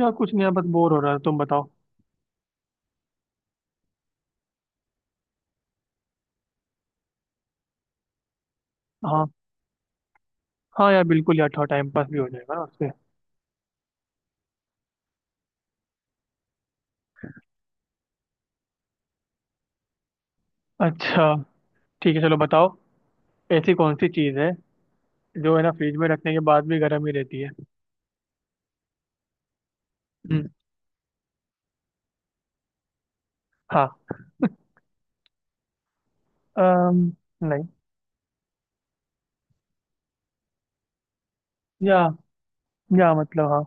यार कुछ नहीं यार, बस बोर हो रहा है। तुम बताओ। हाँ। हाँ यार बिल्कुल, यार थोड़ा टाइम पास भी हो जाएगा ना उससे। अच्छा। ठीक है, चलो बताओ। ऐसी कौन सी चीज़ है जो है ना, फ्रिज में रखने के बाद भी गर्म ही रहती है? हम्म, हाँ। अम, नहीं। या या मतलब हाँ,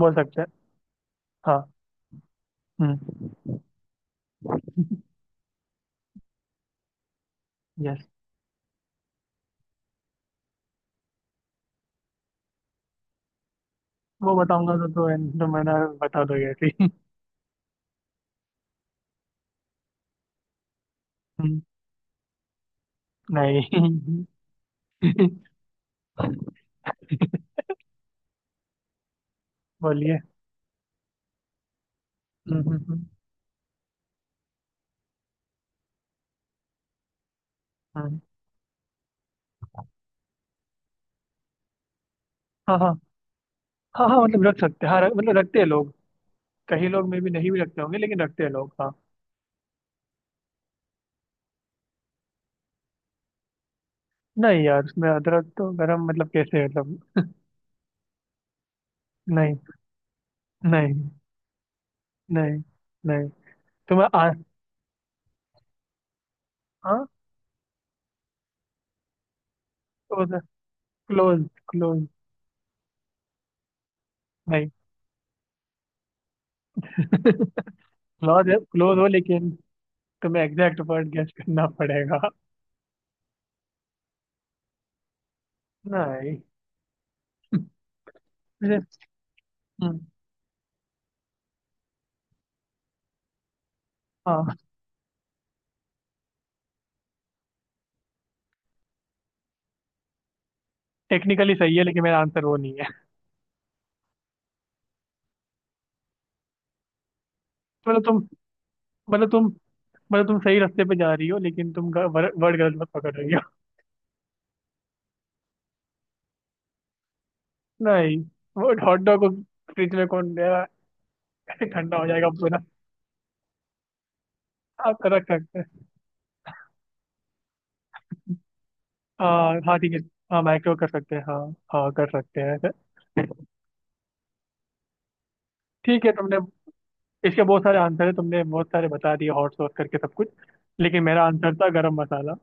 बोल सकते हैं। हाँ। हम्म। यस। वो बताऊंगा तो, तो, मैं ना, बता दोगे ऐसे ही। हम्म, नहीं। बोलिए। हम्म, हम्म, हम्म, हम्म। हाँ हाँ। हाँ हाँ, मतलब रख सकते हैं। हाँ, मतलब रखते हैं लोग। कई लोग में भी नहीं भी रखते होंगे, लेकिन रखते हैं लोग। हाँ। नहीं यार, उसमें अदरक तो गरम, मतलब कैसे? मतलब... नहीं। नहीं। नहीं। नहीं। तुम्हें आ, हाँ। क्लोज। क्लोज। क्लोज। नहीं। क्लोज। है, क्लोज हो लेकिन, तुम्हें एग्जैक्ट वर्ड गेस करना पड़ेगा। नहीं। मुझे- हम्म, हाँ। टेक्निकली सही है लेकिन मेरा आंसर वो नहीं है। मतलब तुम मतलब तुम मतलब तुम सही रास्ते पे जा रही हो, लेकिन तुम वर्ड गलत मत पकड़ रही हो। नहीं। वो हॉट डॉग को फ्रिज में कौन देगा? ठंडा हो जाएगा पूरा। आप रख सकते। हाँ हाँ, ठीक है। हाँ, माइक्रो कर सकते हैं हाँ। हाँ, कर सकते हैं ऐसे। ठीक है, तुमने... इसके बहुत सारे आंसर है, तुमने बहुत सारे बता दिए, हॉट सॉस करके सब कुछ। लेकिन मेरा आंसर था गरम मसाला।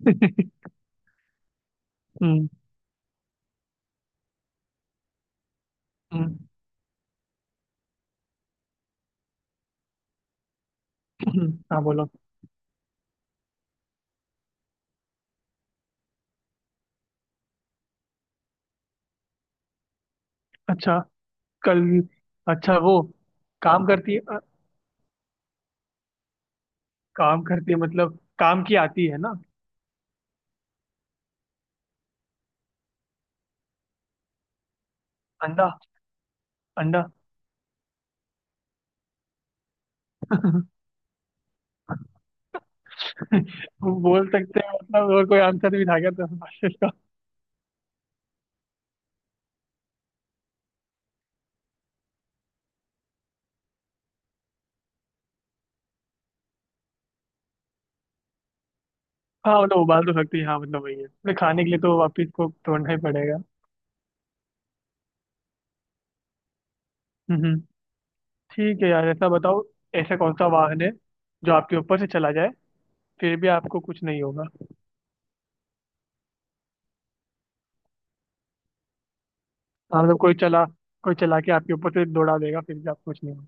हम्म। हम्म, हाँ बोलो। अच्छा। कल... अच्छा, वो काम करती है। काम करती है, मतलब काम की आती है ना? अंडा, अंडा। वो बोल सकते हैं। मतलब और कोई आंसर भी था क्या तो इसका? हाँ मतलब, उबाल तो सकती है। हाँ मतलब, वही है, मतलब खाने के लिए तो वापिस को तोड़ना ही पड़ेगा। ठीक है यार, ऐसा बताओ। ऐसा कौन सा वाहन है जो आपके ऊपर से चला जाए, फिर भी आपको कुछ नहीं होगा? हाँ, मतलब कोई चला के आपके ऊपर से दौड़ा देगा, फिर भी आपको कुछ नहीं होगा।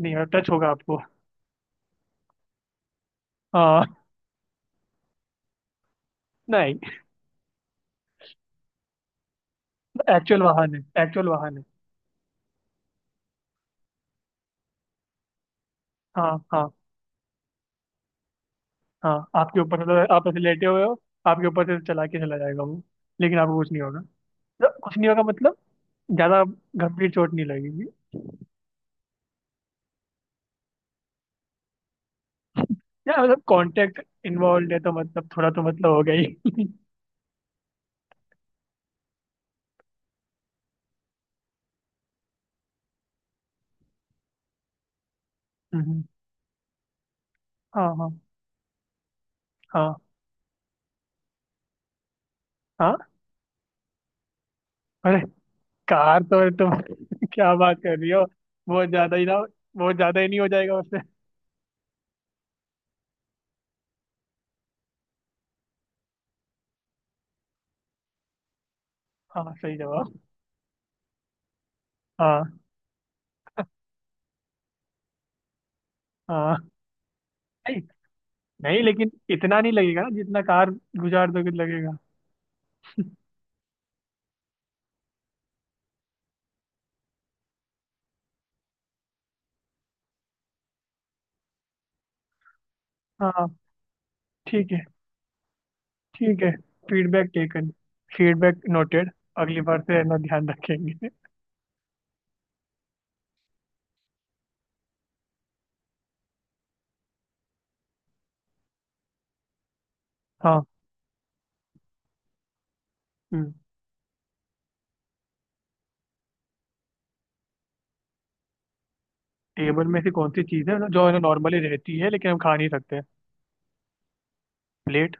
नहीं होगा, टच होगा आपको। हाँ। नहीं, एक्चुअल वाहन है, एक्चुअल वाहन है। हाँ हाँ हाँ, आपके ऊपर से, मतलब आप ऐसे लेटे हुए हो। आपके ऊपर से चला के चला जाएगा वो। लेकिन आपको कुछ नहीं होगा। मतलब कुछ नहीं होगा, मतलब ज्यादा गंभीर चोट नहीं लगेगी। या मतलब, कांटेक्ट इन्वॉल्व है तो मतलब थोड़ा तो मतलब हो गया ही हम्म, हम्म। हाँ हाँ। हाँ हाँ। हाँ। अरे, कार तो तुम क्या बात कर रही हो। बहुत ज्यादा ही ना। बहुत ज्यादा ही नहीं हो जाएगा उससे। हाँ, सही जवाब। हाँ हाँ। नहीं। नहीं लेकिन इतना नहीं लगेगा ना जितना, कार गुजार दोगे तो लगेगा। हाँ, ठीक है। ठीक है। Feedback taken. Feedback noted. अगली बार से है ना, ध्यान रखेंगे। हाँ। हम्म। टेबल में से कौन सी चीज़ है ना, जो है ना नॉर्मली रहती है, लेकिन हम खा नहीं सकते? प्लेट,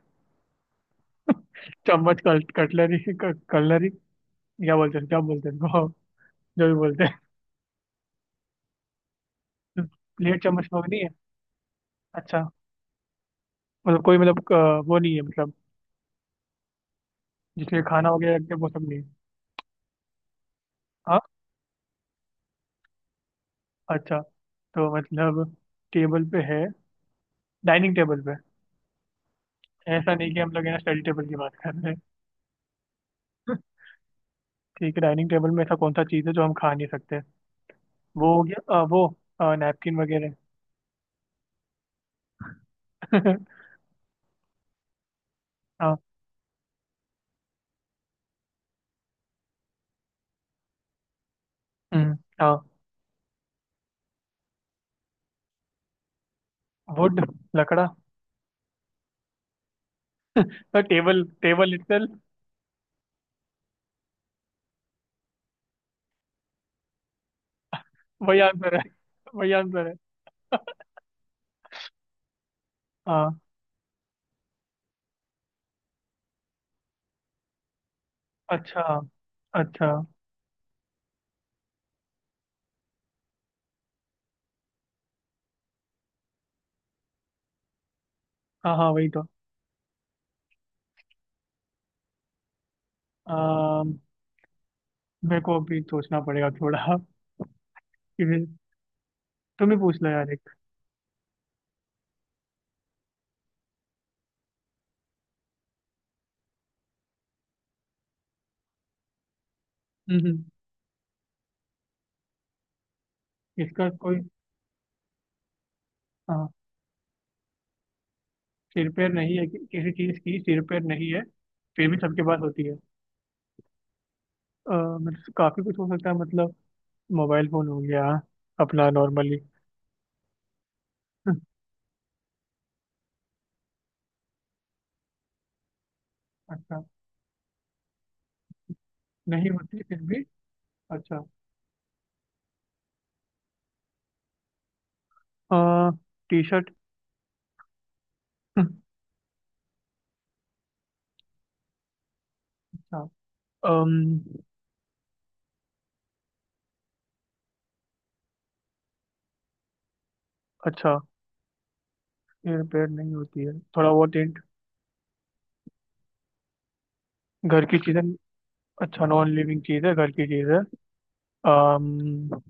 चम्मच, कटलरी। कलरी। क्या बोलते हैं, क्या बोलते हैं इनको? जो भी बोलते हैं। प्लेट, चम्मच, लोग नहीं है? अच्छा। मतलब कोई... मतलब वो नहीं है, मतलब... जिसमें खाना वगैरह रखते हैं, वो सब नहीं है। हाँ। अच्छा। तो मतलब, टेबल पे है, डाइनिंग टेबल पे। ऐसा नहीं कि हम लोग है ना, स्टडी टेबल की बात कर रहे हैं। ठीक है, डाइनिंग टेबल में ऐसा कौन सा चीज़ है जो हम खा नहीं सकते? वो हो गया वो नैपकिन वगैरह। हाँ। हाँ। वुड। लकड़ा। तो टेबल टेबल इटसेल्फ। वही आंसर है, वही आंसर है। हाँ। अच्छा, अच्छा। हाँ हाँ, वही तो। अम, मेरे को अभी सोचना पड़ेगा थोड़ा। किसी... तुम्हें पूछना यार एक। हम्म। इसका कोई... हाँ, सिर पैर नहीं है कि, किसी चीज की सिर पैर नहीं है? फिर भी सबके पास होती है। अ, मतलब काफी कुछ हो सकता है, मतलब मोबाइल फोन हो गया, अपना नॉर्मली। हम्म, अच्छा। नहीं होती फिर भी। अच्छा। T shirt. अच्छा। अम्म, अच्छा, सिर पैर नहीं होती है, थोड़ा बहुत हिंट? घर की चीजें। अच्छा, नॉन लिविंग चीज है, घर की चीज है। अम्म,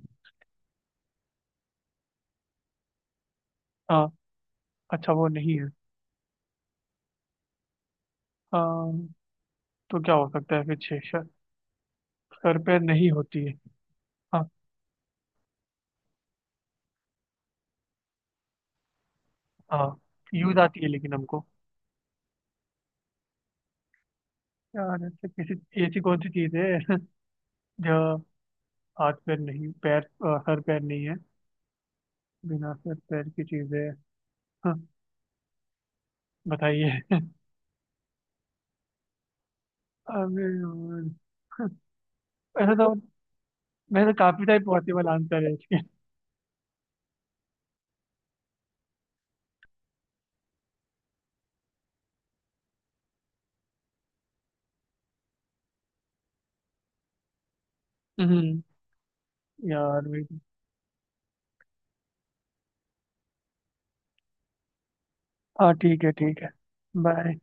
हाँ। अच्छा, वो नहीं है तो क्या हो सकता है फिर? छह सर... सर पे नहीं होती है? हाँ हाँ, यूज आती है लेकिन हमको। यार ऐसे किसी... ऐसी कौन सी चीज है जो हाथ पैर नहीं, पैर सर पैर नहीं है, बिना सर पैर की चीज है? हाँ, बताइए। अरे यार! ऐसा तो, वैसे काफी टाइप पॉसिबल आंसर है इसके हम्म। यार मेरी-। हाँ, ठीक है, ठीक है। बाय।